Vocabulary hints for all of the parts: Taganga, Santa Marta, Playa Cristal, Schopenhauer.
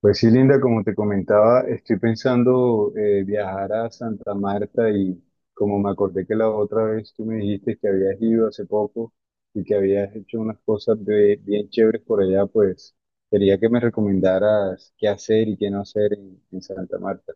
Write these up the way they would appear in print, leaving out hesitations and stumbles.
Pues sí, Linda, como te comentaba, estoy pensando viajar a Santa Marta y como me acordé que la otra vez tú me dijiste que habías ido hace poco y que habías hecho unas bien chéveres por allá, pues quería que me recomendaras qué hacer y qué no hacer en Santa Marta.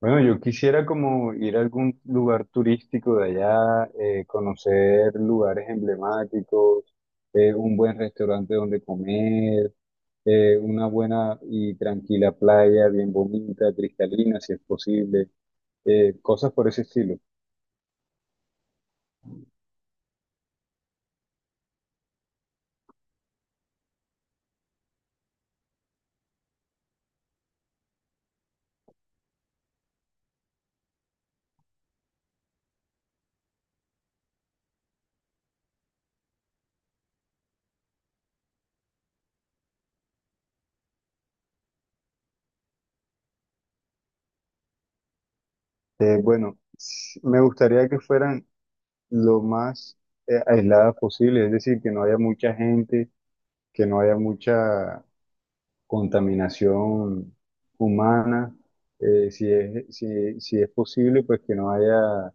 Bueno, yo quisiera como ir a algún lugar turístico de allá, conocer lugares emblemáticos, un buen restaurante donde comer, una buena y tranquila playa, bien bonita, cristalina, si es posible, cosas por ese estilo. Me gustaría que fueran lo más, aisladas posible, es decir, que no haya mucha gente, que no haya mucha contaminación humana, si es posible, pues que no haya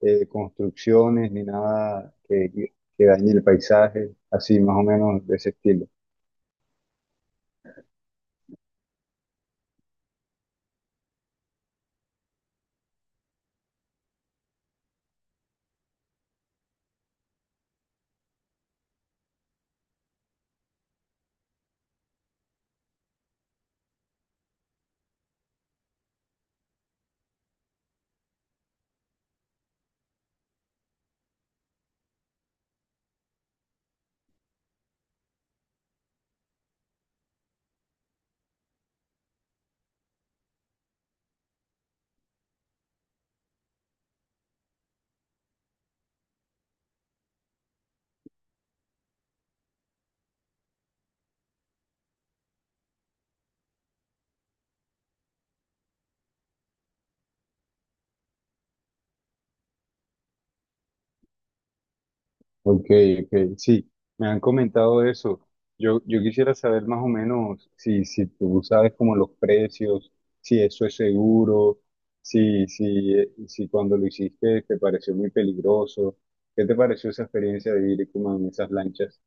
construcciones ni nada que dañe el paisaje, así más o menos de ese estilo. Ok, ok. Sí, me han comentado eso. Yo quisiera saber más o menos si tú sabes como los precios, si eso es seguro, si cuando lo hiciste te pareció muy peligroso. ¿Qué te pareció esa experiencia de ir como en esas lanchas?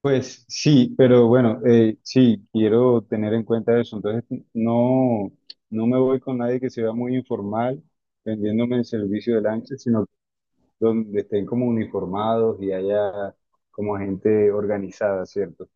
Pues sí, pero bueno, sí, quiero tener en cuenta eso. Entonces, no, no me voy con nadie que se vea muy informal vendiéndome el servicio de lancha, sino donde estén como uniformados y haya como gente organizada, ¿cierto?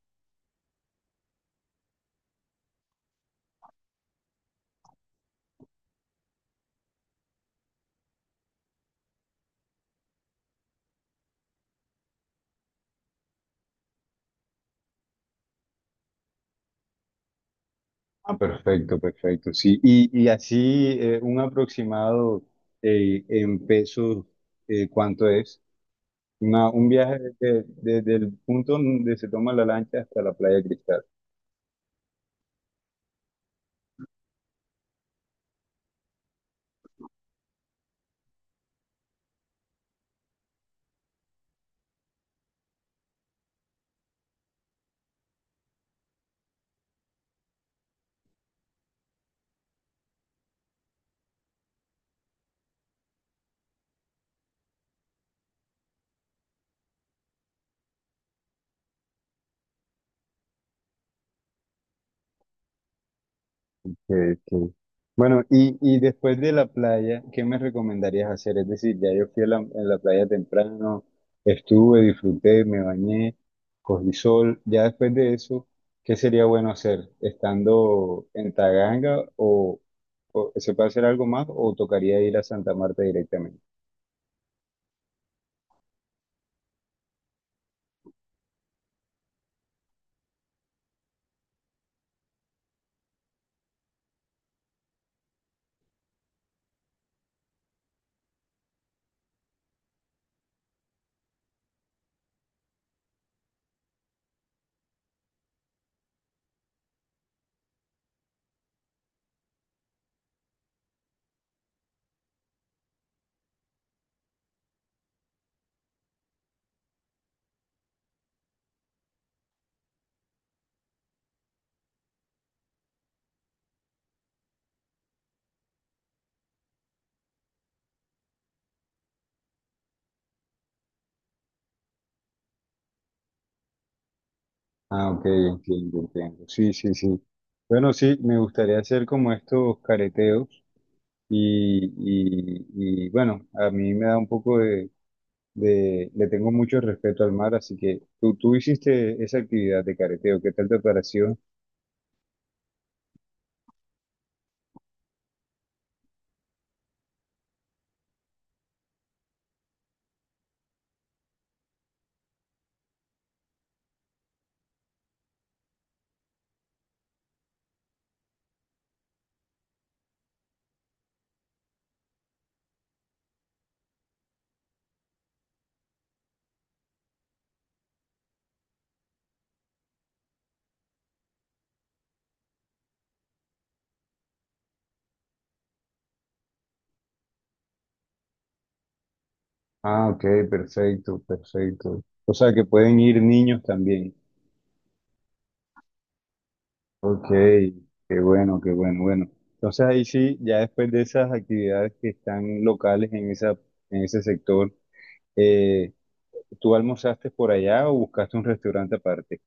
Ah, perfecto, perfecto, sí. Y así un aproximado en pesos, ¿cuánto es? Un desde el punto donde se toma la lancha hasta la playa Cristal. Ok, ok. Bueno, y después de la playa, ¿qué me recomendarías hacer? Es decir, ya yo fui a a la playa temprano, estuve, disfruté, me bañé, cogí sol. Ya después de eso, ¿qué sería bueno hacer? ¿Estando en Taganga o se puede hacer algo más o tocaría ir a Santa Marta directamente? Ah, ok, entiendo, entiendo. Sí, sí, sí. Bueno, sí, me gustaría hacer como estos careteos y, y, y bueno, a mí me da un poco de le tengo mucho respeto al mar, así que tú hiciste esa actividad de careteo, ¿qué tal te pareció? Ah, ok, perfecto, perfecto. O sea que pueden ir niños también. Ok, qué bueno, bueno. Entonces ahí sí, ya después de esas actividades que están locales en en ese sector, eh, ¿tú almorzaste por allá o buscaste un restaurante aparte?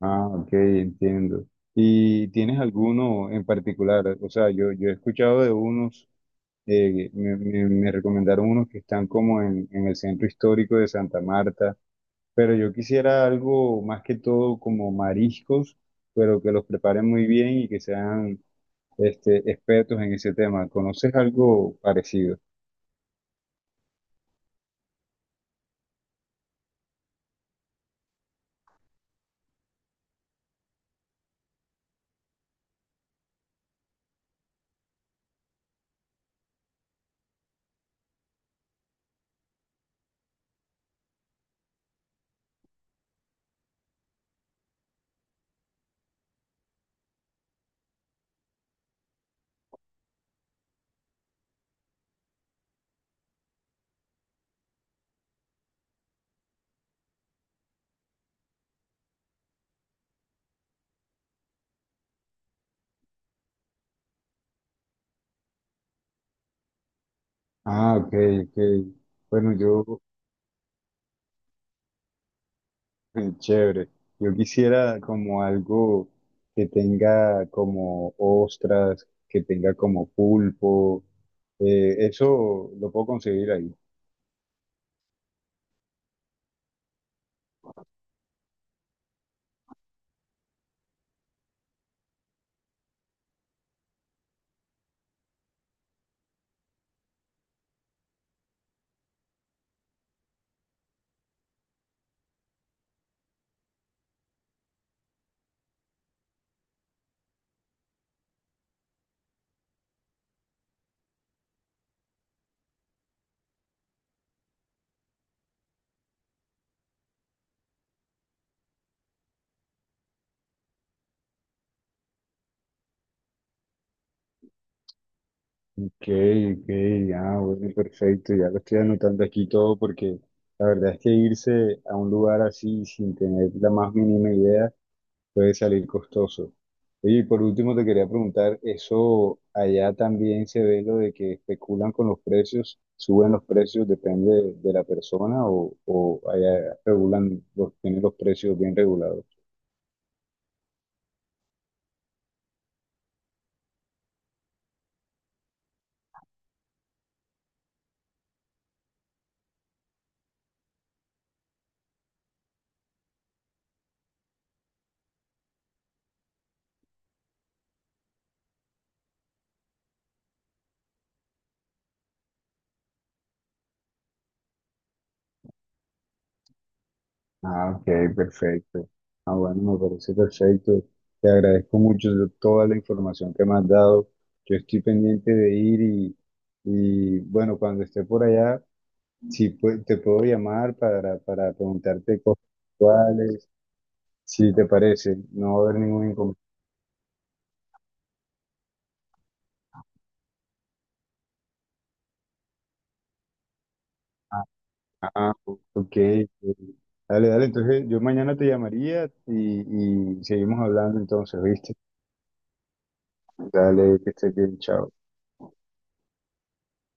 Ah, ok, entiendo. ¿Y tienes alguno en particular? O sea, yo he escuchado de unos. Eh, me recomendaron unos que están como en el centro histórico de Santa Marta, pero yo quisiera algo más que todo como mariscos, pero que los preparen muy bien y que sean este, expertos en ese tema. ¿Conoces algo parecido? Ah, ok, ok. Bueno, chévere. Yo quisiera como algo que tenga como ostras, que tenga como pulpo. Eso lo puedo conseguir ahí. Ok, ok, ah, bueno, perfecto, ya lo estoy anotando aquí todo porque la verdad es que irse a un lugar así sin tener la más mínima idea puede salir costoso. Oye, y por último te quería preguntar, ¿eso allá también se ve lo de que especulan con los precios, suben los precios, depende de la persona o allá regulan, los, tienen los precios bien regulados? Ah, ok, perfecto. Ah, bueno, me parece perfecto. Te agradezco mucho de toda la información que me has dado. Yo estoy pendiente de ir y bueno, cuando esté por allá, si pue- te puedo llamar para preguntarte cosas actuales, si te parece, no va a haber ningún inconveniente. Ah, ah, ok. Dale, dale, entonces yo mañana te llamaría y seguimos hablando entonces, ¿viste? Dale, que estés bien, chao.